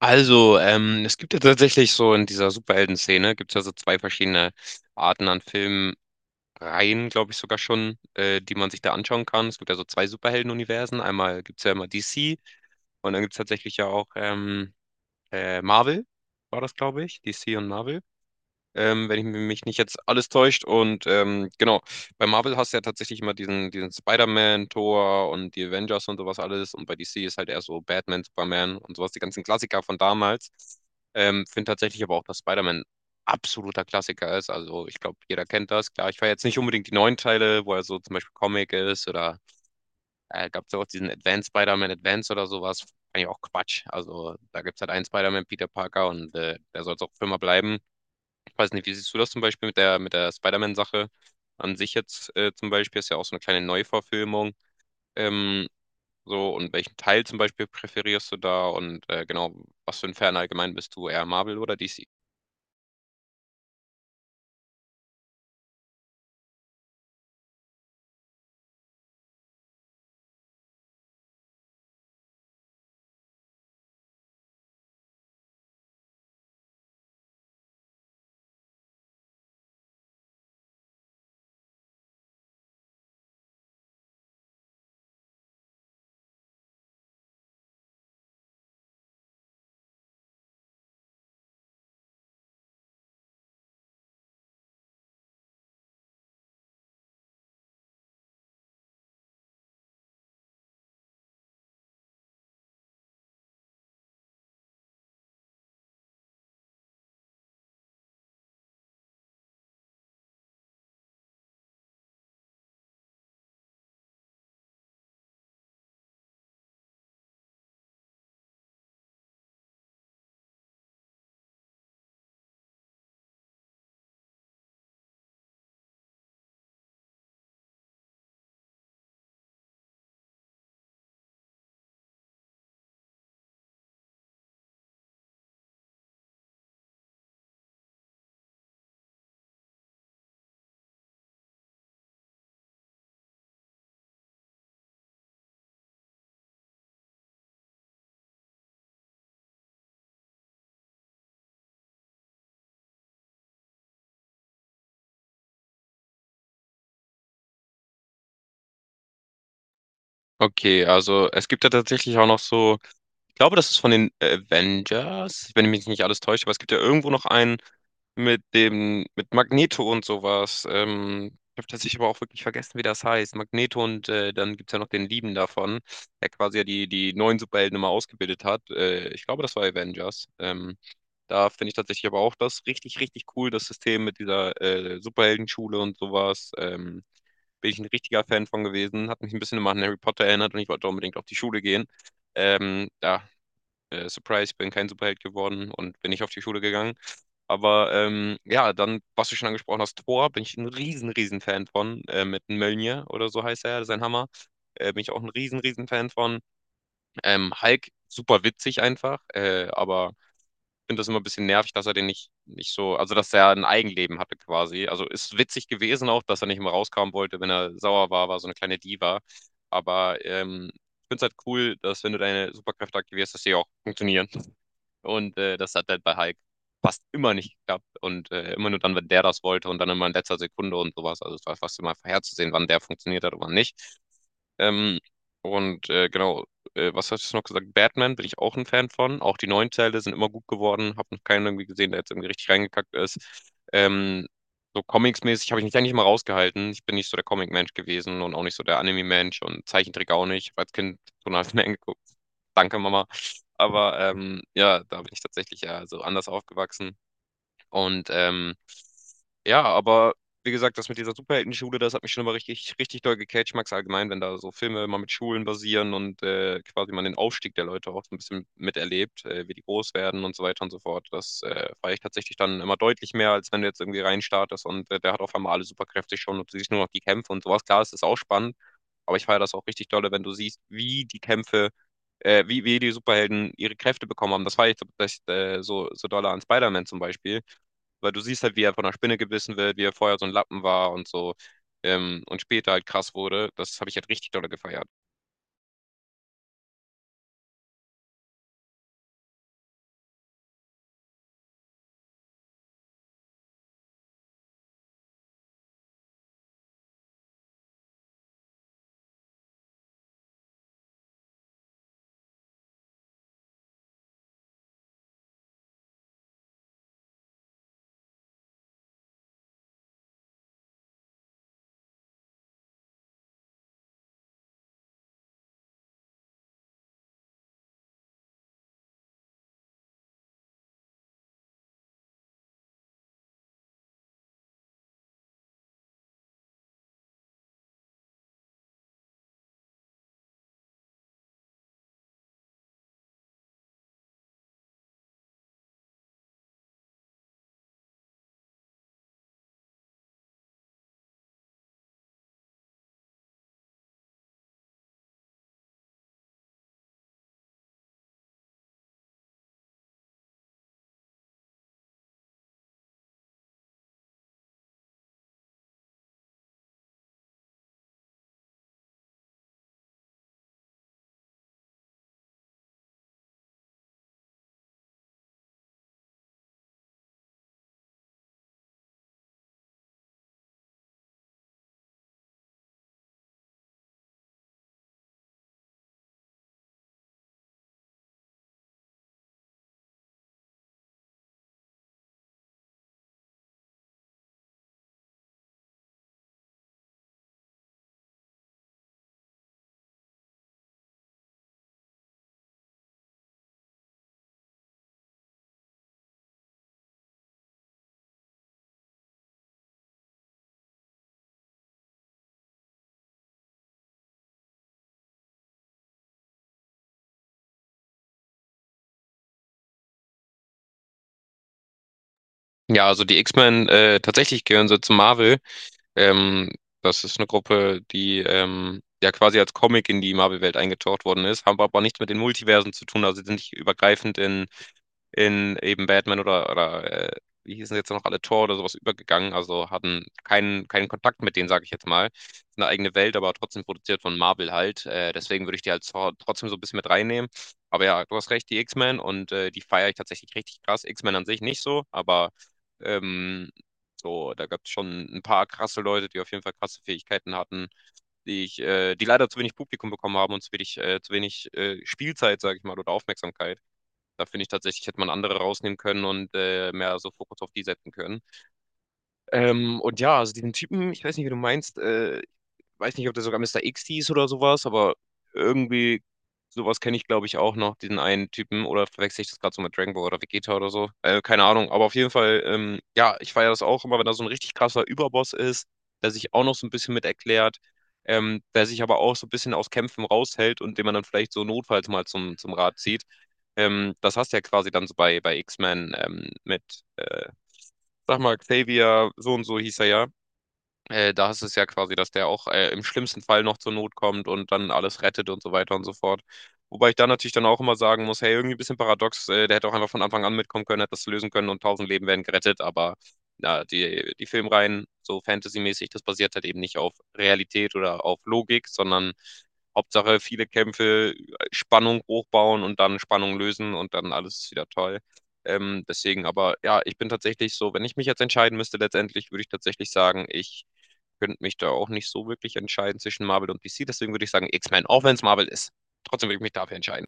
Es gibt ja tatsächlich so in dieser Superhelden-Szene gibt es ja so zwei verschiedene Arten an Filmreihen, glaube ich sogar schon, die man sich da anschauen kann. Es gibt ja so zwei Superhelden-Universen. Einmal gibt es ja immer DC und dann gibt es tatsächlich ja auch Marvel, war das, glaube ich, DC und Marvel, wenn ich mich nicht jetzt alles täuscht. Und genau, bei Marvel hast du ja tatsächlich immer diesen Spider-Man, Thor und die Avengers und sowas alles. Und bei DC ist halt eher so Batman, Superman und sowas, die ganzen Klassiker von damals. Finde tatsächlich aber auch, dass Spider-Man absoluter Klassiker ist. Also ich glaube, jeder kennt das. Klar, ich feiere jetzt nicht unbedingt die neuen Teile, wo er so zum Beispiel Comic ist oder gab es ja auch diesen Advanced Spider-Man Advance oder sowas. Eigentlich auch Quatsch. Also da gibt es halt einen Spider-Man, Peter Parker, und der soll es auch für immer bleiben. Weiß nicht, wie siehst du das zum Beispiel mit der Spider-Man-Sache an sich jetzt zum Beispiel? Ist ja auch so eine kleine Neuverfilmung. Ähm, und welchen Teil zum Beispiel präferierst du da? Und genau, was für ein Fan allgemein bist du? Eher Marvel oder DC? Okay, also es gibt ja tatsächlich auch noch so. Ich glaube, das ist von den Avengers, wenn ich mich nicht alles täusche, aber es gibt ja irgendwo noch einen mit Magneto und sowas. Ich habe tatsächlich aber auch wirklich vergessen, wie das heißt. Magneto und dann gibt es ja noch den Lieben davon, der quasi ja die neuen Superhelden immer ausgebildet hat. Ich glaube, das war Avengers. Da finde ich tatsächlich aber auch das richtig, richtig cool, das System mit dieser Superheldenschule und sowas. Bin ich ein richtiger Fan von gewesen. Hat mich ein bisschen immer an Harry Potter erinnert und ich wollte unbedingt auf die Schule gehen. Da Surprise, ich bin kein Superheld geworden und bin nicht auf die Schule gegangen. Aber ja, dann, was du schon angesprochen hast, Thor, bin ich ein riesen, riesen Fan von. Mit Mjölnir oder so heißt er, sein Hammer. Bin ich auch ein riesen, riesen Fan von. Hulk, super witzig einfach. Aber ich finde das immer ein bisschen nervig, dass er den nicht so, also dass er ein Eigenleben hatte quasi. Also ist witzig gewesen auch, dass er nicht immer rauskommen wollte, wenn er sauer war, war so eine kleine Diva. Aber ich finde es halt cool, dass wenn du deine Superkräfte aktivierst, dass die auch funktionieren. Und das hat halt bei Hulk fast immer nicht geklappt und immer nur dann, wenn der das wollte und dann immer in letzter Sekunde und sowas. Also es war fast immer vorherzusehen, wann der funktioniert hat und wann nicht. Ähm, und äh, genau, Was hast du noch gesagt? Batman bin ich auch ein Fan von. Auch die neuen Teile sind immer gut geworden. Hab noch keinen irgendwie gesehen, der jetzt irgendwie richtig reingekackt ist. Ähm, so Comics-mäßig habe ich mich eigentlich mal rausgehalten. Ich bin nicht so der Comic-Mensch gewesen und auch nicht so der Anime-Mensch und Zeichentrick auch nicht. Ich hab als Kind Donald Mann geguckt. Danke, Mama. Aber ja, da bin ich tatsächlich ja so anders aufgewachsen. Und ja, aber wie gesagt, das mit dieser Superheldenschule, das hat mich schon immer richtig, richtig doll gecatcht. Ich mag's allgemein, wenn da so Filme immer mit Schulen basieren und quasi man den Aufstieg der Leute auch so ein bisschen miterlebt, wie die groß werden und so weiter und so fort. Das feiere ich tatsächlich dann immer deutlich mehr, als wenn du jetzt irgendwie reinstartest und der hat auf einmal alle Superkräfte schon und du siehst nur noch die Kämpfe und sowas. Klar, es ist auch spannend, aber ich feiere das auch richtig dolle, wenn du siehst, wie die Kämpfe wie die Superhelden ihre Kräfte bekommen haben. Das war ich das, so doll an Spider-Man zum Beispiel, weil du siehst halt, wie er von einer Spinne gebissen wird, wie er vorher so ein Lappen war und so und später halt krass wurde. Das habe ich halt richtig doll gefeiert. Ja, also die X-Men tatsächlich gehören so zu Marvel. Ähm, Das ist eine Gruppe, die ja quasi als Comic in die Marvel-Welt eingetaucht worden ist, haben aber nichts mit den Multiversen zu tun, also sind nicht übergreifend in eben Batman oder wie hießen jetzt noch alle Tor oder sowas übergegangen, also hatten keinen Kontakt mit denen, sage ich jetzt mal. Ist eine eigene Welt, aber trotzdem produziert von Marvel halt. Deswegen würde ich die halt so- trotzdem so ein bisschen mit reinnehmen. Aber ja, du hast recht, die X-Men und die feiere ich tatsächlich richtig krass. X-Men an sich nicht so, aber ähm, da gab es schon ein paar krasse Leute, die auf jeden Fall krasse Fähigkeiten hatten, die leider zu wenig Publikum bekommen haben und zu wenig, Spielzeit, sage ich mal, oder Aufmerksamkeit. Da finde ich tatsächlich, hätte man andere rausnehmen können und mehr so Fokus auf die setzen können. Und ja, also diesen Typen, ich weiß nicht, wie du meinst, weiß nicht, ob der sogar Mister X hieß oder sowas, aber irgendwie sowas kenne ich, glaube ich, auch noch, diesen einen Typen. Oder verwechsel ich das gerade so mit Dragon Ball oder Vegeta oder so? Keine Ahnung, aber auf jeden Fall, ja, ich feiere das auch immer, wenn da so ein richtig krasser Überboss ist, der sich auch noch so ein bisschen mit erklärt, der sich aber auch so ein bisschen aus Kämpfen raushält und den man dann vielleicht so notfalls mal zum Rat zieht. Das hast du ja quasi dann so bei X-Men mit, äh, sag mal, Xavier, so und so hieß er ja. Da ist es ja quasi, dass der auch im schlimmsten Fall noch zur Not kommt und dann alles rettet und so weiter und so fort. Wobei ich da natürlich dann auch immer sagen muss, hey, irgendwie ein bisschen paradox, der hätte auch einfach von Anfang an mitkommen können, hätte das lösen können und tausend Leben wären gerettet, aber na, die Filmreihen, so fantasymäßig, das basiert halt eben nicht auf Realität oder auf Logik, sondern Hauptsache viele Kämpfe, Spannung hochbauen und dann Spannung lösen und dann alles ist wieder toll. Deswegen, aber ja, ich bin tatsächlich so, wenn ich mich jetzt entscheiden müsste, letztendlich würde ich tatsächlich sagen, ich könnte mich da auch nicht so wirklich entscheiden zwischen Marvel und DC. Deswegen würde ich sagen X-Men, auch wenn es Marvel ist. Trotzdem würde ich mich dafür entscheiden.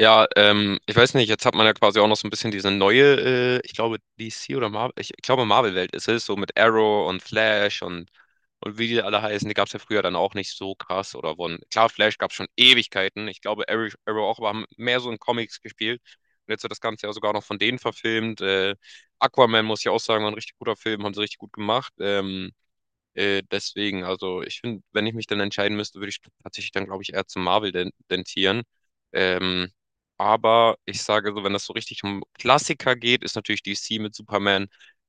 Ja, ich weiß nicht, jetzt hat man ja quasi auch noch so ein bisschen diese neue, ich glaube DC oder Marvel, ich glaube Marvel-Welt ist es, so mit Arrow und Flash und wie die alle heißen, die gab es ja früher dann auch nicht so krass oder wurden, klar, Flash gab es schon Ewigkeiten, ich glaube Arrow, Arrow auch, aber haben mehr so in Comics gespielt und jetzt wird das Ganze ja sogar noch von denen verfilmt, Aquaman muss ich auch sagen, war ein richtig guter Film, haben sie richtig gut gemacht, deswegen, also ich finde, wenn ich mich dann entscheiden müsste, würde ich tatsächlich dann, glaube ich, eher zu Marvel den- dentieren. Ähm, aber ich sage so, wenn das so richtig um Klassiker geht, ist natürlich DC mit Superman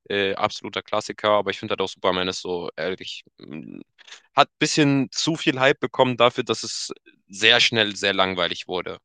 absoluter Klassiker. Aber ich finde halt auch Superman ist so, ehrlich, hat ein bisschen zu viel Hype bekommen dafür, dass es sehr schnell sehr langweilig wurde.